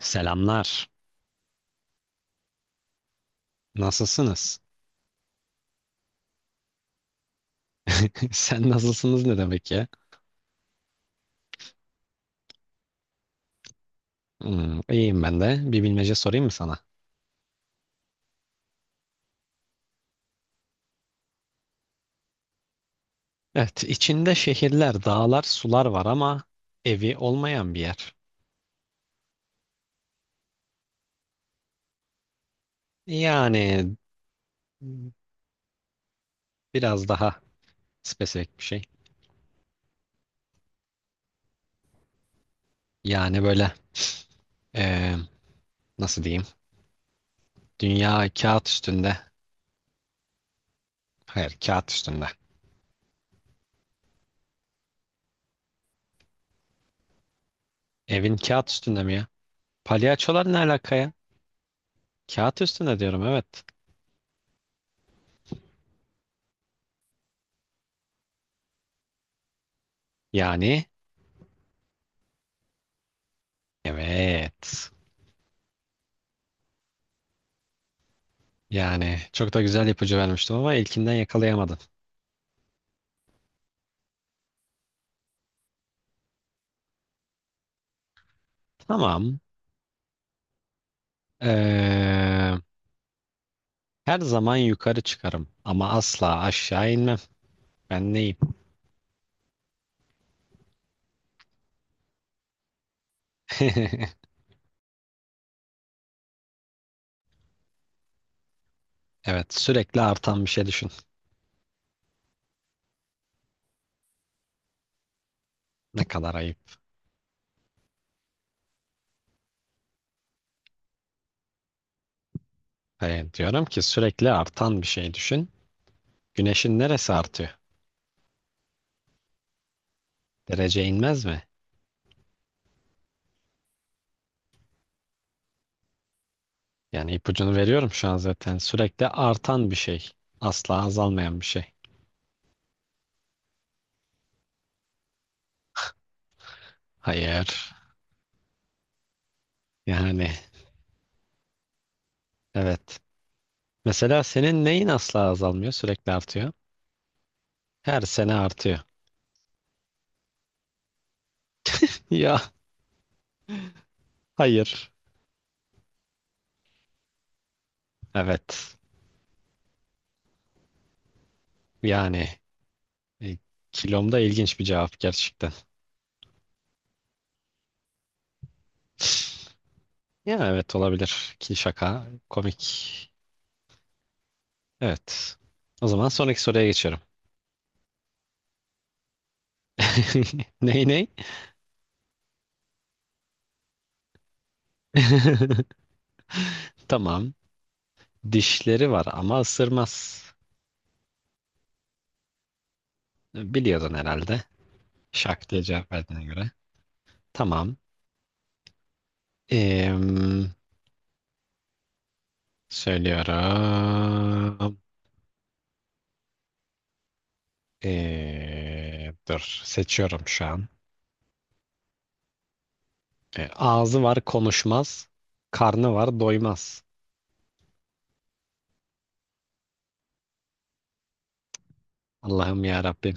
Selamlar. Nasılsınız? Sen nasılsınız ne demek ya? Hmm, iyiyim ben de. Bir bilmece sorayım mı sana? Evet, içinde şehirler, dağlar, sular var ama evi olmayan bir yer. Yani biraz daha spesifik bir şey. Yani böyle eee, nasıl diyeyim? Dünya kağıt üstünde. Hayır, kağıt üstünde. Evin kağıt üstünde mi ya? Palyaçolar ne alaka ya? Kağıt üstünde diyorum, evet. Yani evet. Yani çok da güzel ipucu vermiştim ama ilkinden yakalayamadın. Tamam. Ee, Her zaman yukarı çıkarım ama asla aşağı inmem. Ben neyim? Evet, sürekli artan bir şey düşün. Ne kadar ayıp. Diyorum ki sürekli artan bir şey düşün. Güneşin neresi artıyor? Derece inmez mi? Yani ipucunu veriyorum şu an zaten. Sürekli artan bir şey. Asla azalmayan bir şey. Hayır. Yani evet. Mesela senin neyin asla azalmıyor, sürekli artıyor? Her sene artıyor. Ya hayır. Evet. Yani e, kilomda ilginç bir cevap gerçekten. Ya evet, olabilir ki şaka komik. Evet. O zaman sonraki soruya geçiyorum. Ney ney? Tamam. Dişleri var ama ısırmaz. Biliyordun herhalde. Şak diye cevap verdiğine göre. Tamam. Em, söylüyorum. Dur seçiyorum şu an. E, ağzı var konuşmaz, karnı var doymaz. Allah'ım ya Rabbim.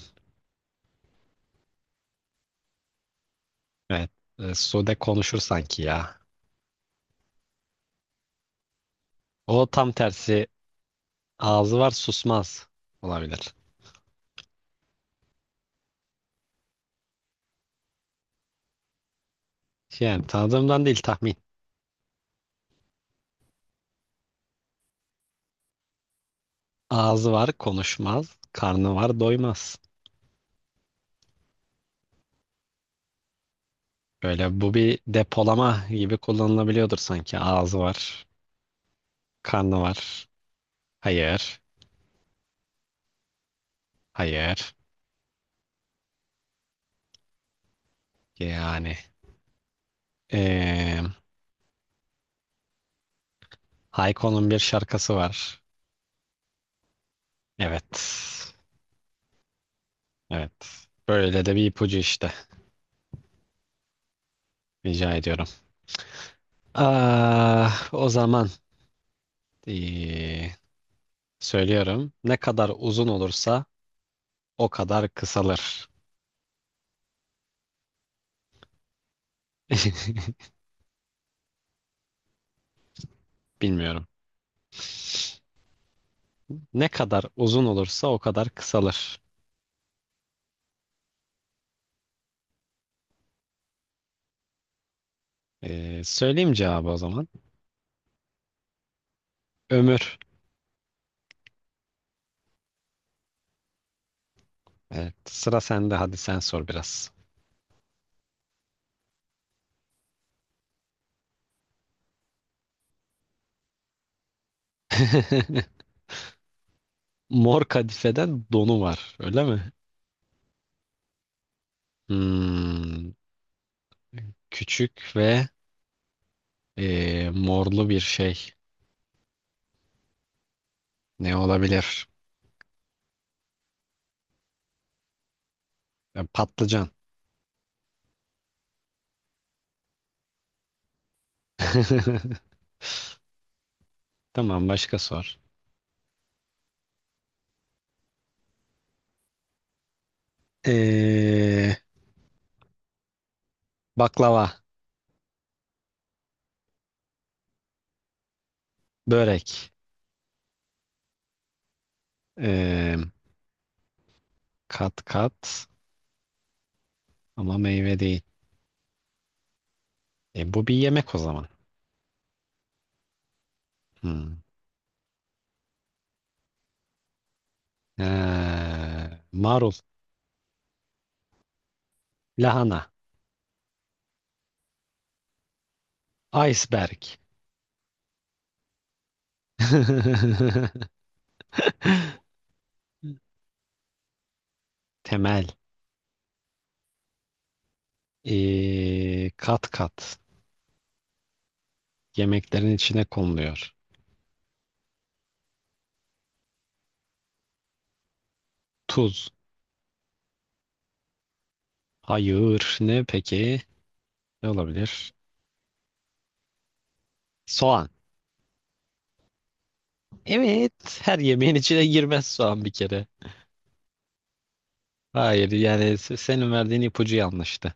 Evet, e, Sude konuşur sanki ya. O tam tersi ağzı var susmaz olabilir. Yani tanıdığımdan değil, tahmin. Ağzı var konuşmaz, karnı var doymaz. Böyle bu bir depolama gibi kullanılabiliyordur sanki. Ağzı var, karnı var. Hayır, hayır. Yani. E, Hayko'nun bir şarkısı var. Evet. Evet. Böyle de bir ipucu işte. Rica ediyorum. Ah, o zaman ee, söylüyorum. Ne kadar uzun olursa o kadar kısalır. Bilmiyorum. Ne kadar uzun olursa o kadar kısalır. Söyleyeyim cevabı o zaman. Ömür. Evet, sıra sende. Hadi sen sor biraz. Mor kadifeden donu var, öyle mi? Hmm, küçük ve e, morlu bir şey. Ne olabilir? Ya, patlıcan. Tamam, başka sor. Ee, baklava, börek, ee, kat kat ama meyve değil. E, bu bir yemek o zaman. Hmm. Marul, lahana, iceberg. Temel. Kat kat yemeklerin içine konuluyor. Tuz. Hayır. Ne peki? Ne olabilir? Soğan. Evet, her yemeğin içine girmez soğan bir kere. Hayır, yani senin verdiğin ipucu yanlıştı.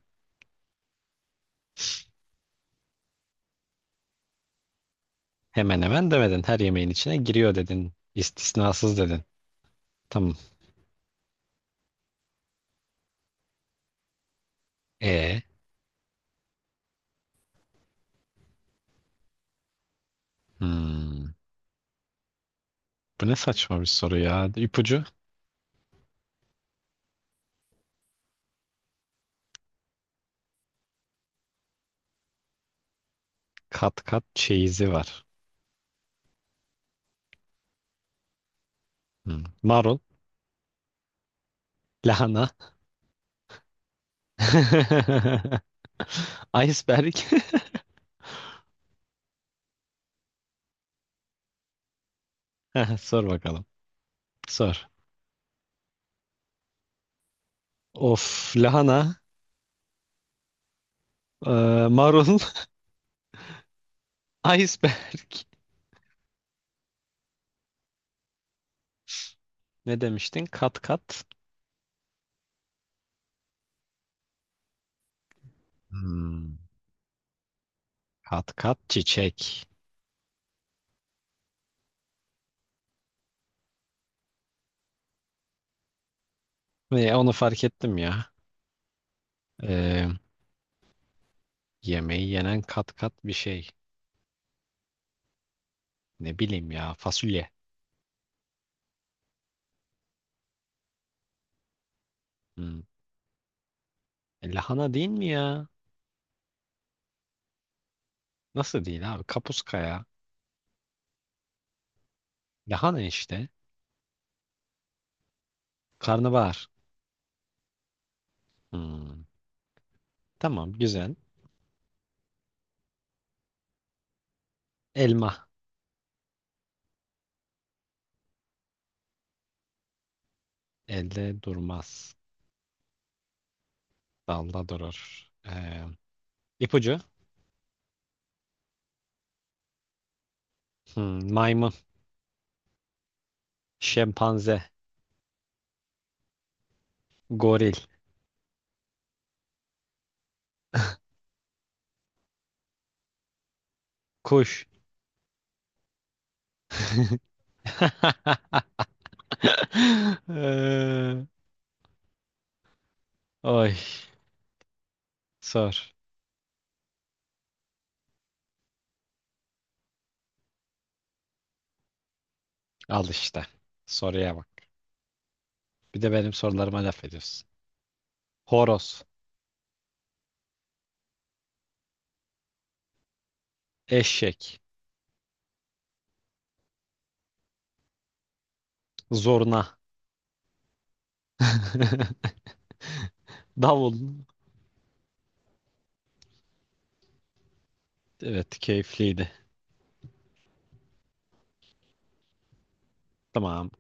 Hemen hemen demedin. Her yemeğin içine giriyor dedin. İstisnasız dedin. Tamam. E, hmm. Bu ne saçma bir soru ya. İpucu kat kat çeyizi var. Hmm. Marul, lahana, iceberg. Heh, sor bakalım. Sor. Of, lahana, e, marul, iceberg. Ne demiştin? Kat kat. Hmm. Kat kat çiçek. Ve onu fark ettim ya. Ee, yemeği yenen kat kat bir şey. Ne bileyim ya, fasulye. Hmm. E, lahana değil mi ya? Nasıl değil abi? Kapuska ya. Lahana işte. Karnabahar. Hmm. Tamam, güzel. Elma. Elde durmaz. Dalda durur. İpucu. Hmm, maymun. Şempanze. Goril. Kuş. Ee, oy. Sor. Al işte. Soruya bak. Bir de benim sorularıma laf ediyorsun. Horoz, eşek, zurna, davul. Evet, keyifliydi. Tamam.